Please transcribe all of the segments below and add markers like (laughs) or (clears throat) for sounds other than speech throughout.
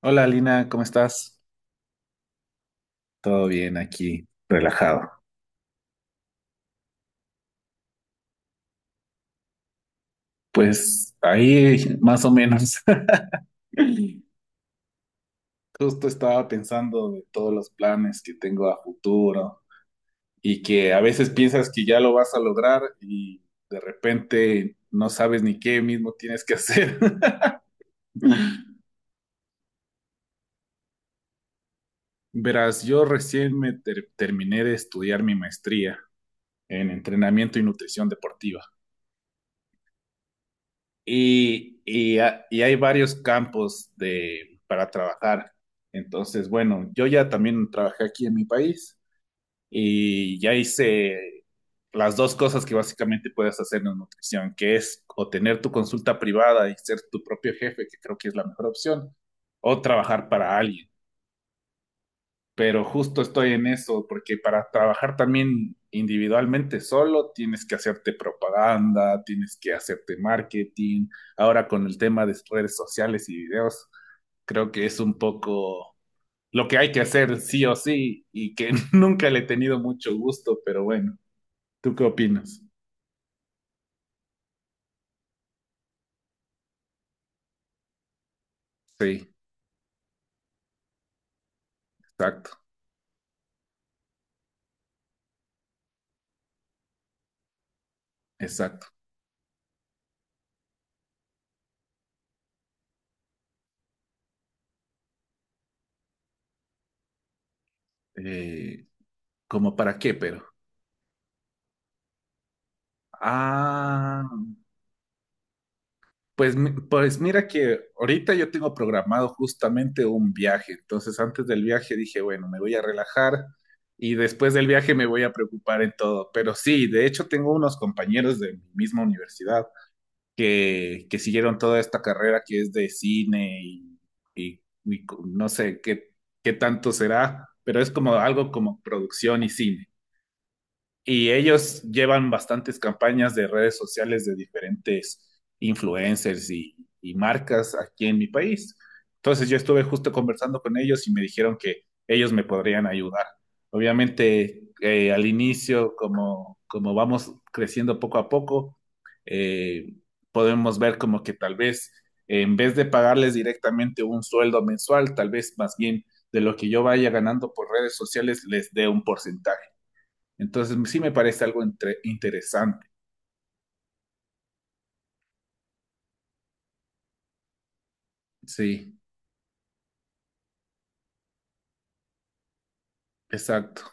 Hola Lina, ¿cómo estás? Todo bien aquí, relajado. Pues ahí más o menos. (laughs) Justo estaba pensando de todos los planes que tengo a futuro y que a veces piensas que ya lo vas a lograr y de repente no sabes ni qué mismo tienes que hacer. (laughs) Verás, yo recién me terminé de estudiar mi maestría en entrenamiento y nutrición deportiva. Y hay varios campos para trabajar. Entonces, bueno, yo ya también trabajé aquí en mi país y ya hice las dos cosas que básicamente puedes hacer en nutrición, que es o tener tu consulta privada y ser tu propio jefe, que creo que es la mejor opción, o trabajar para alguien, pero justo estoy en eso, porque para trabajar también individualmente solo tienes que hacerte propaganda, tienes que hacerte marketing. Ahora con el tema de redes sociales y videos, creo que es un poco lo que hay que hacer sí o sí y que (laughs) nunca le he tenido mucho gusto, pero bueno, ¿tú qué opinas? Sí, exacto, exacto. Eh, ¿Como para qué, pero? Ah, pues, mira que ahorita yo tengo programado justamente un viaje, entonces antes del viaje dije, bueno, me voy a relajar y después del viaje me voy a preocupar en todo, pero sí, de hecho tengo unos compañeros de mi misma universidad que siguieron toda esta carrera que es de cine, y no sé qué, qué tanto será, pero es como algo como producción y cine. Y ellos llevan bastantes campañas de redes sociales de diferentes influencers y marcas aquí en mi país. Entonces yo estuve justo conversando con ellos y me dijeron que ellos me podrían ayudar. Obviamente, al inicio, como vamos creciendo poco a poco, eh, podemos ver como que tal vez, en vez de pagarles directamente un sueldo mensual, tal vez más bien de lo que yo vaya ganando por redes sociales les dé un porcentaje. Entonces, sí me parece algo interesante. Sí, exacto.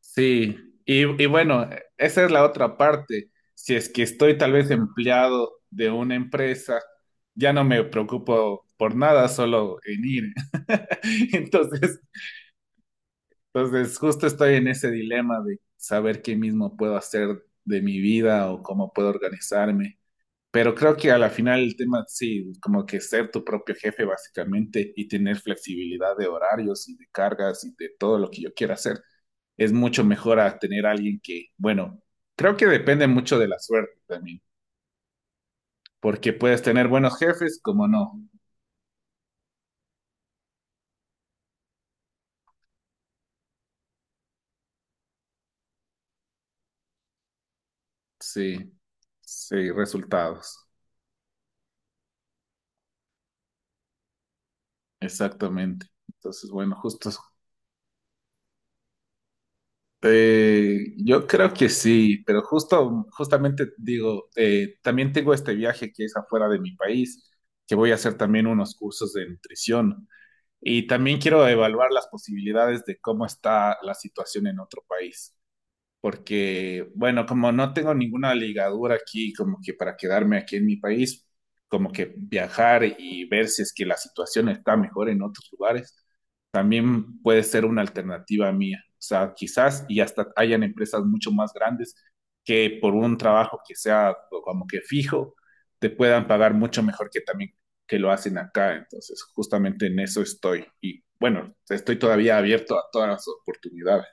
Sí, y bueno, esa es la otra parte. Si es que estoy tal vez empleado de una empresa, ya no me preocupo por nada, solo en ir. (laughs) Entonces, entonces, justo estoy en ese dilema de saber qué mismo puedo hacer de mi vida o cómo puedo organizarme. Pero creo que a la final el tema, sí, como que ser tu propio jefe básicamente y tener flexibilidad de horarios y de cargas y de todo lo que yo quiera hacer, es mucho mejor a tener alguien que, bueno, creo que depende mucho de la suerte también, porque puedes tener buenos jefes como no. Sí, sí, resultados. Exactamente. Entonces, bueno, justo, yo creo que sí, pero justo, justamente digo, también tengo este viaje que es afuera de mi país, que voy a hacer también unos cursos de nutrición y también quiero evaluar las posibilidades de cómo está la situación en otro país, porque, bueno, como no tengo ninguna ligadura aquí, como que para quedarme aquí en mi país, como que viajar y ver si es que la situación está mejor en otros lugares, también puede ser una alternativa mía. O sea, quizás y hasta hayan empresas mucho más grandes que por un trabajo que sea como que fijo, te puedan pagar mucho mejor que también que lo hacen acá. Entonces, justamente en eso estoy. Y bueno, estoy todavía abierto a todas las oportunidades.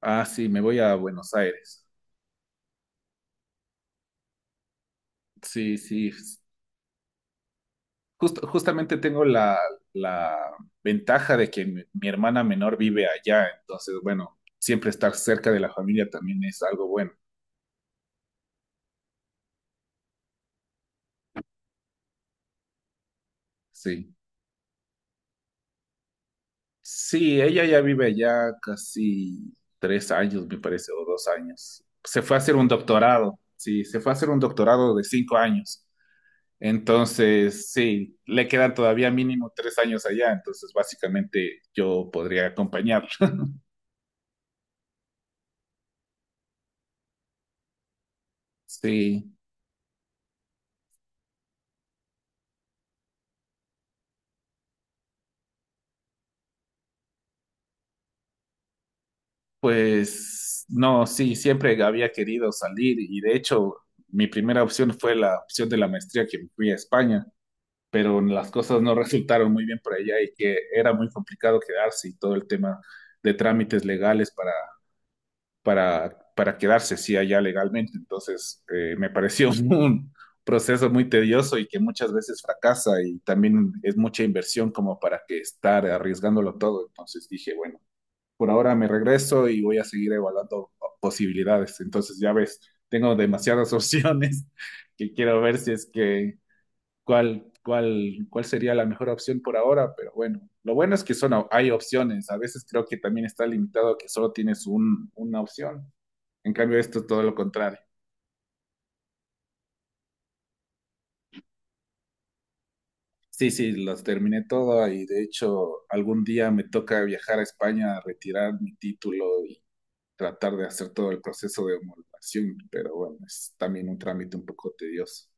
Ah, sí, me voy a Buenos Aires. Sí, sí. Justamente tengo la, ventaja de que mi hermana menor vive allá, entonces, bueno, siempre estar cerca de la familia también es algo bueno. Sí. Sí, ella ya vive allá casi 3 años, me parece, o 2 años. Se fue a hacer un doctorado, sí, se fue a hacer un doctorado de 5 años. Entonces, sí, le quedan todavía mínimo 3 años allá, entonces básicamente yo podría acompañarla. Sí, pues no, sí, siempre había querido salir, y de hecho mi primera opción fue la opción de la maestría que me fui a España, pero las cosas no resultaron muy bien por allá y que era muy complicado quedarse y todo el tema de trámites legales para, para quedarse, sí, allá legalmente. Entonces, me pareció (laughs) un proceso muy tedioso y que muchas veces fracasa, y también es mucha inversión como para que estar arriesgándolo todo. Entonces dije, bueno, por ahora me regreso y voy a seguir evaluando posibilidades. Entonces, ya ves, tengo demasiadas (laughs) opciones que quiero ver si es que cuál sería la mejor opción por ahora, pero bueno, lo bueno es que son, hay opciones. A veces creo que también está limitado a que solo tienes un, una opción. En cambio, esto es todo lo contrario. Sí, sí, los terminé todo y de hecho algún día me toca viajar a España a retirar mi título, tratar de hacer todo el proceso de homologación, pero bueno, es también un trámite un poco tedioso.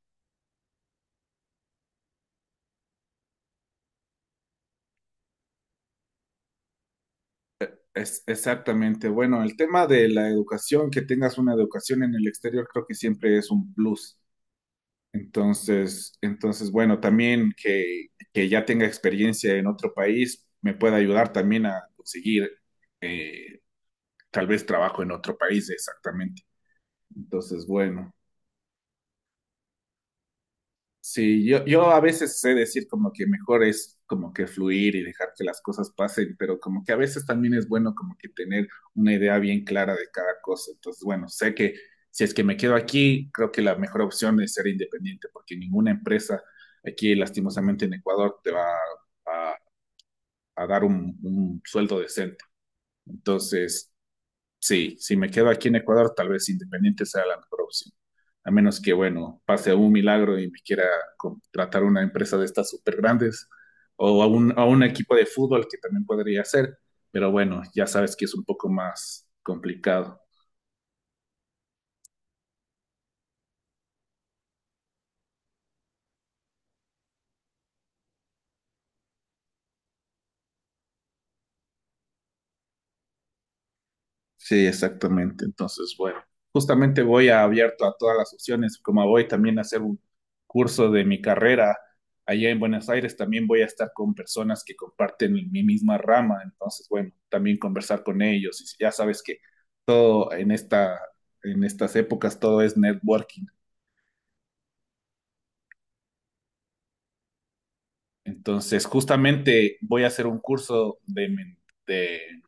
Es exactamente, bueno, el tema de la educación, que tengas una educación en el exterior, creo que siempre es un plus. Entonces, bueno, también que ya tenga experiencia en otro país me puede ayudar también a conseguir, eh, tal vez trabajo en otro país, exactamente. Entonces, bueno, sí, yo, a veces sé decir como que mejor es como que fluir y dejar que las cosas pasen, pero como que a veces también es bueno como que tener una idea bien clara de cada cosa. Entonces, bueno, sé que si es que me quedo aquí, creo que la mejor opción es ser independiente, porque ninguna empresa aquí, lastimosamente en Ecuador, te va a, a dar un, sueldo decente. Entonces, sí, si me quedo aquí en Ecuador, tal vez independiente sea la mejor opción. A menos que, bueno, pase un milagro y me quiera contratar una empresa de estas súper grandes, o a un equipo de fútbol que también podría ser. Pero bueno, ya sabes que es un poco más complicado. Sí, exactamente. Entonces, bueno, justamente voy a abierto a todas las opciones, como voy también a hacer un curso de mi carrera allá en Buenos Aires, también voy a estar con personas que comparten mi misma rama, entonces, bueno, también conversar con ellos. Y ya sabes que todo en esta, en estas épocas, todo es networking. Entonces, justamente voy a hacer un curso de, de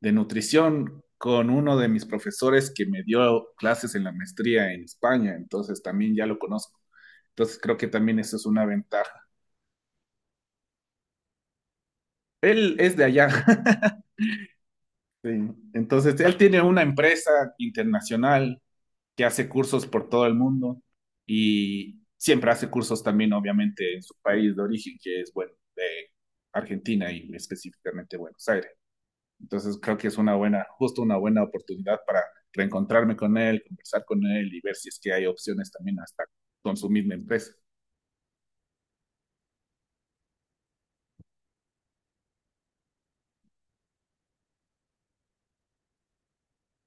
de nutrición con uno de mis profesores que me dio clases en la maestría en España, entonces también ya lo conozco. Entonces creo que también eso es una ventaja. Él es de allá. (laughs) Sí. Entonces él tiene una empresa internacional que hace cursos por todo el mundo y siempre hace cursos también, obviamente, en su país de origen, que es, bueno, de Argentina y específicamente Buenos Aires. Entonces creo que es una buena, justo una buena oportunidad para reencontrarme con él, conversar con él y ver si es que hay opciones también hasta con su misma empresa.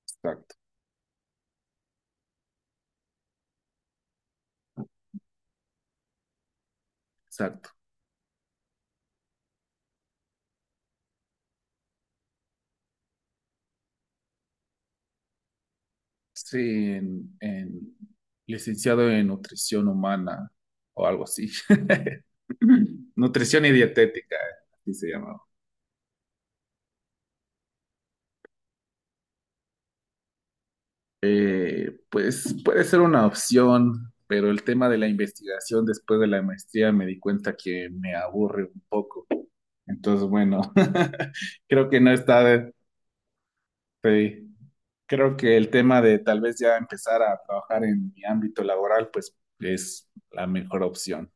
Exacto, exacto. Sí, en, licenciado en nutrición humana o algo así. (clears throat) (laughs) Nutrición y dietética, así se llama. Pues puede ser una opción, pero el tema de la investigación después de la maestría me di cuenta que me aburre un poco. Entonces, bueno, (laughs) creo que no está de-. Sí. Creo que el tema de tal vez ya empezar a trabajar en mi ámbito laboral, pues es la mejor opción.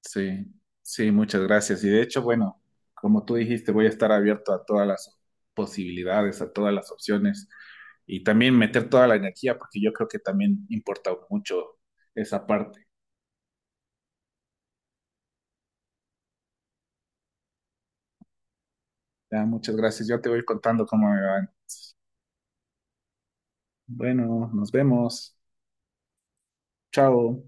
Sí, sí, muchas gracias. Y de hecho, bueno, como tú dijiste, voy a estar abierto a todas las posibilidades, a todas las opciones y también meter toda la energía, porque yo creo que también importa mucho esa parte. Ya, muchas gracias. Yo te voy contando cómo me van. Bueno, nos vemos. Chao.